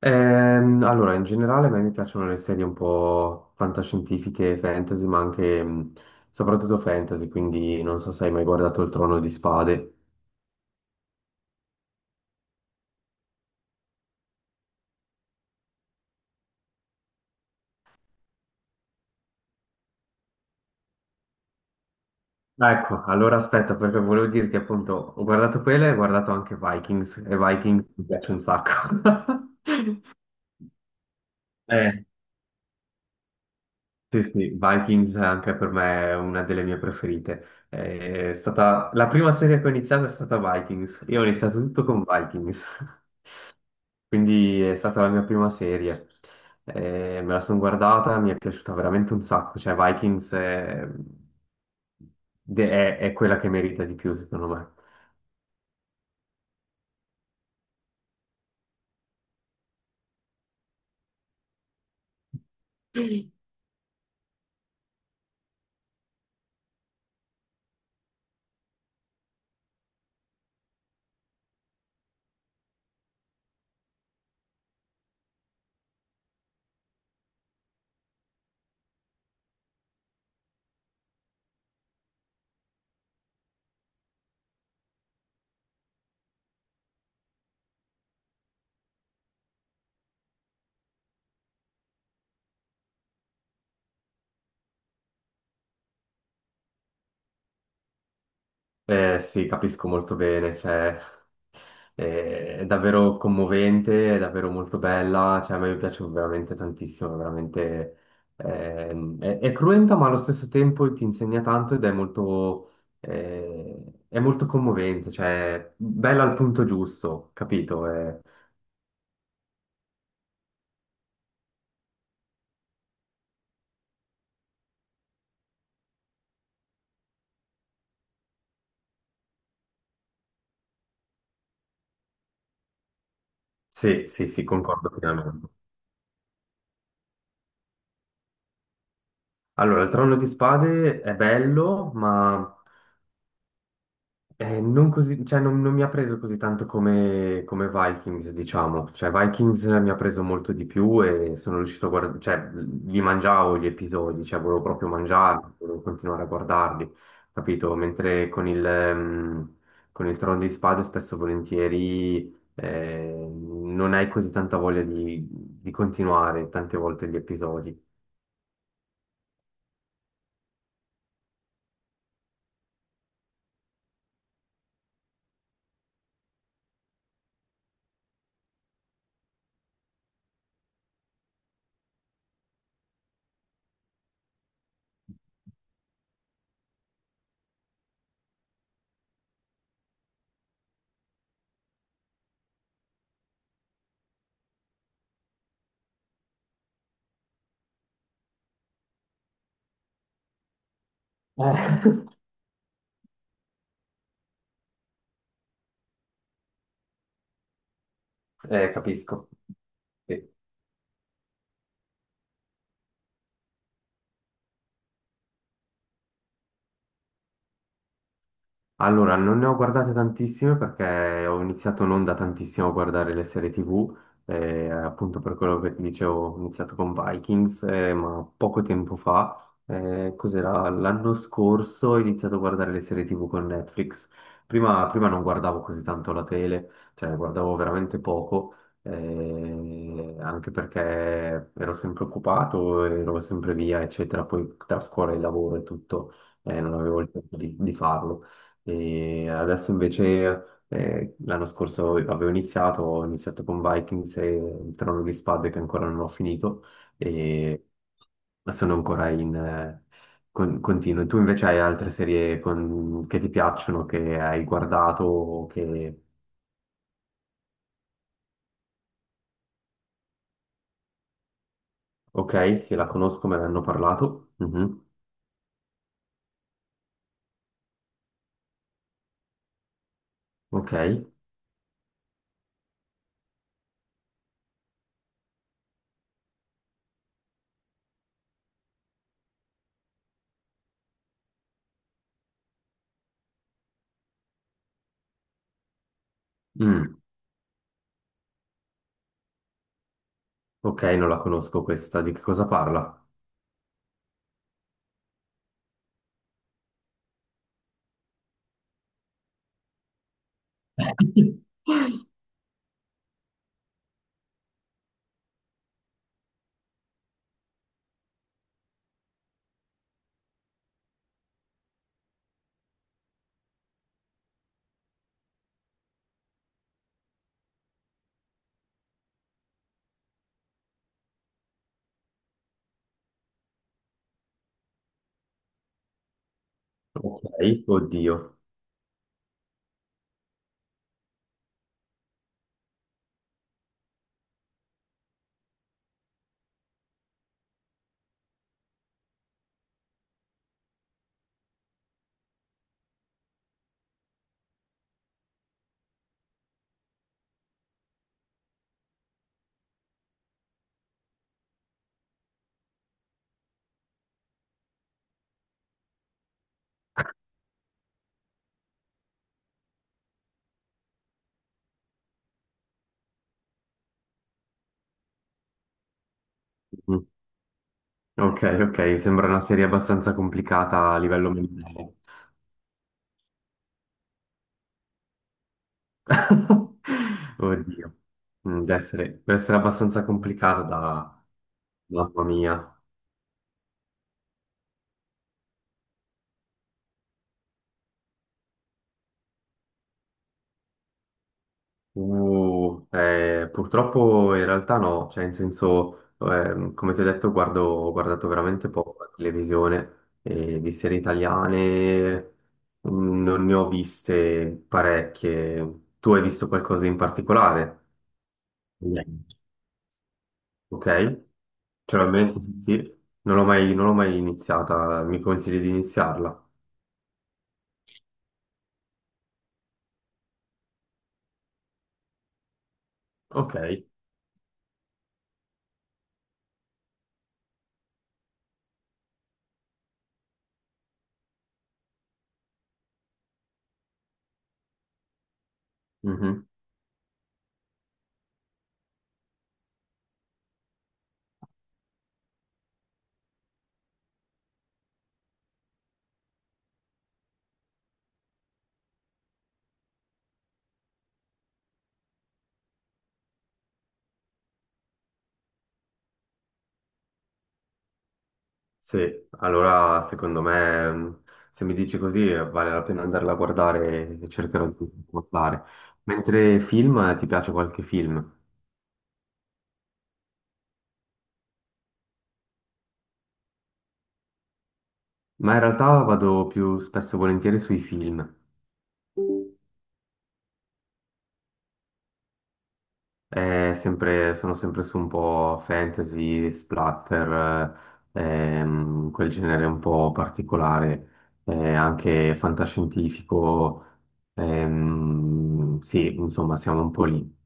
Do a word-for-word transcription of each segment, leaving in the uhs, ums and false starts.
Ehm, allora, in generale a me mi piacciono le serie un po' fantascientifiche, fantasy, ma anche mh, soprattutto fantasy, quindi non so se hai mai guardato Il Trono di Spade. Ah, Ecco, allora aspetta, perché volevo dirti appunto, ho guardato quella e ho guardato anche Vikings, e Vikings mi piace un sacco. Eh, sì, sì, Vikings anche per me è una delle mie preferite. È stata la prima serie che ho iniziato, è stata Vikings, io ho iniziato tutto con Vikings. Quindi è stata la mia prima serie. Eh, me la sono guardata, mi è piaciuta veramente un sacco. Cioè, Vikings è, de- è- è quella che merita di più, secondo me. Eh, sì, capisco molto bene. Cioè, eh, è davvero commovente, è davvero molto bella. Cioè, a me piace veramente tantissimo, è veramente ehm, è, è cruenta, ma allo stesso tempo ti insegna tanto ed è molto, eh, è molto commovente, cioè bella al punto giusto, capito? Eh, Sì, sì, sì, concordo pienamente. Allora, il Trono di Spade è bello, ma eh, non così, cioè, non, non mi ha preso così tanto come, come Vikings, diciamo. Cioè, Vikings mi ha preso molto di più e sono riuscito a guardare, cioè, li mangiavo gli episodi, cioè, volevo proprio mangiarli, volevo continuare a guardarli, capito? Mentre con il, ehm, con il Trono di Spade spesso e volentieri eh, non hai così tanta voglia di, di continuare tante volte gli episodi. Eh. Eh, capisco. Sì. Allora, non ne ho guardate tantissime perché ho iniziato non da tantissimo a guardare le serie T V, eh, appunto per quello che ti dicevo, ho iniziato con Vikings, eh, ma poco tempo fa, eh, cos'era? L'anno scorso ho iniziato a guardare le serie T V con Netflix. Prima, prima non guardavo così tanto la tele, cioè guardavo veramente poco, eh, anche perché ero sempre occupato, ero sempre via, eccetera, poi tra scuola e lavoro e tutto, eh, non avevo il tempo di di farlo. E adesso invece eh, l'anno scorso avevo iniziato, ho iniziato con Vikings e il Trono di Spade che ancora non ho finito e sono ancora in eh, con- continuo. Tu invece hai altre serie con- che ti piacciono, che hai guardato, o che... Ok, sì, la conosco, me ne hanno parlato. Mhm. Ok. Mm. Ok, non la conosco questa, di che cosa parla? Ok, oddio. Mhm. Ok, ok, sembra una serie abbastanza complicata a livello mentale. Oddio. Mm, deve essere, deve essere abbastanza complicata da... Mamma mia. Uh, eh, purtroppo in realtà no, cioè in senso, ehm, come ti ho detto, guardo, ho guardato veramente poco la televisione e di serie italiane mm, non ne ho viste parecchie. Tu hai visto qualcosa in particolare? Niente. Ok? Naturalmente, sì, sì. Non l'ho mai, non l'ho mai iniziata, mi consigli di iniziarla? Ok. Mhm. Sì, allora secondo me, mh, se mi dici così, eh, vale la pena andarla a guardare e cercherò di guardare. Mentre film, eh, ti piace qualche film? Ma in realtà vado più spesso e volentieri sui film. È sempre- sono sempre su un po' fantasy, splatter, eh, ehm, quel genere un po' particolare, eh, anche fantascientifico. Ehm, sì, insomma, siamo un po' lì.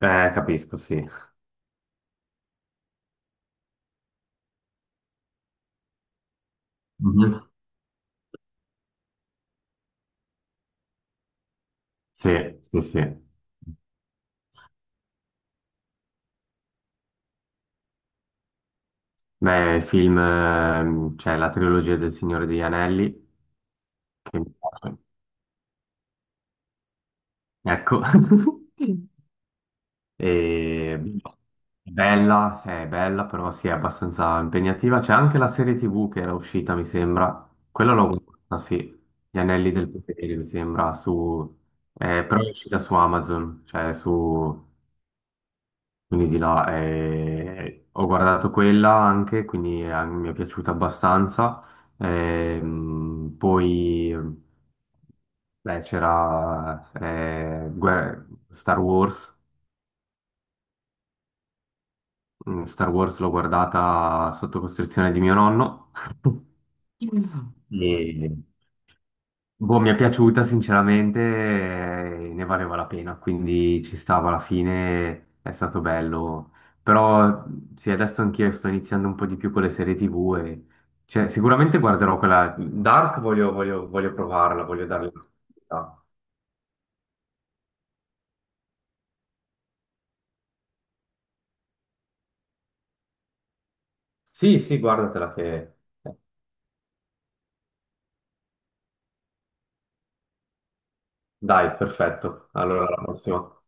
Eh, capisco, sì. Mhm. Sì, sì, sì. Beh, il film, ehm, cioè la trilogia del Signore degli Anelli, che mi piace. Ecco. E- è bella, è bella, però sì, è abbastanza impegnativa. C'è anche la serie T V che era uscita, mi sembra. Quella l'ho guardata, sì. Gli Anelli del Potere, mi sembra, su... eh, però è uscita su Amazon, cioè su... Quindi di là, eh, ho guardato quella anche, quindi eh, mi è piaciuta abbastanza. Ehm, poi... Beh, c'era eh, Guer- Star Wars. Mm, Star Wars l'ho guardata sotto costrizione di mio nonno. E, boh, mi è piaciuta sinceramente, eh, ne valeva la pena, quindi ci stava alla fine, è stato bello. Però sì, adesso anch'io sto iniziando un po' di più con le serie T V e cioè, sicuramente guarderò quella Dark, voglio, voglio, voglio provarla, voglio darle una possibilità. Sì, sì, guardatela che... eh, dai, perfetto. Allora, alla prossima.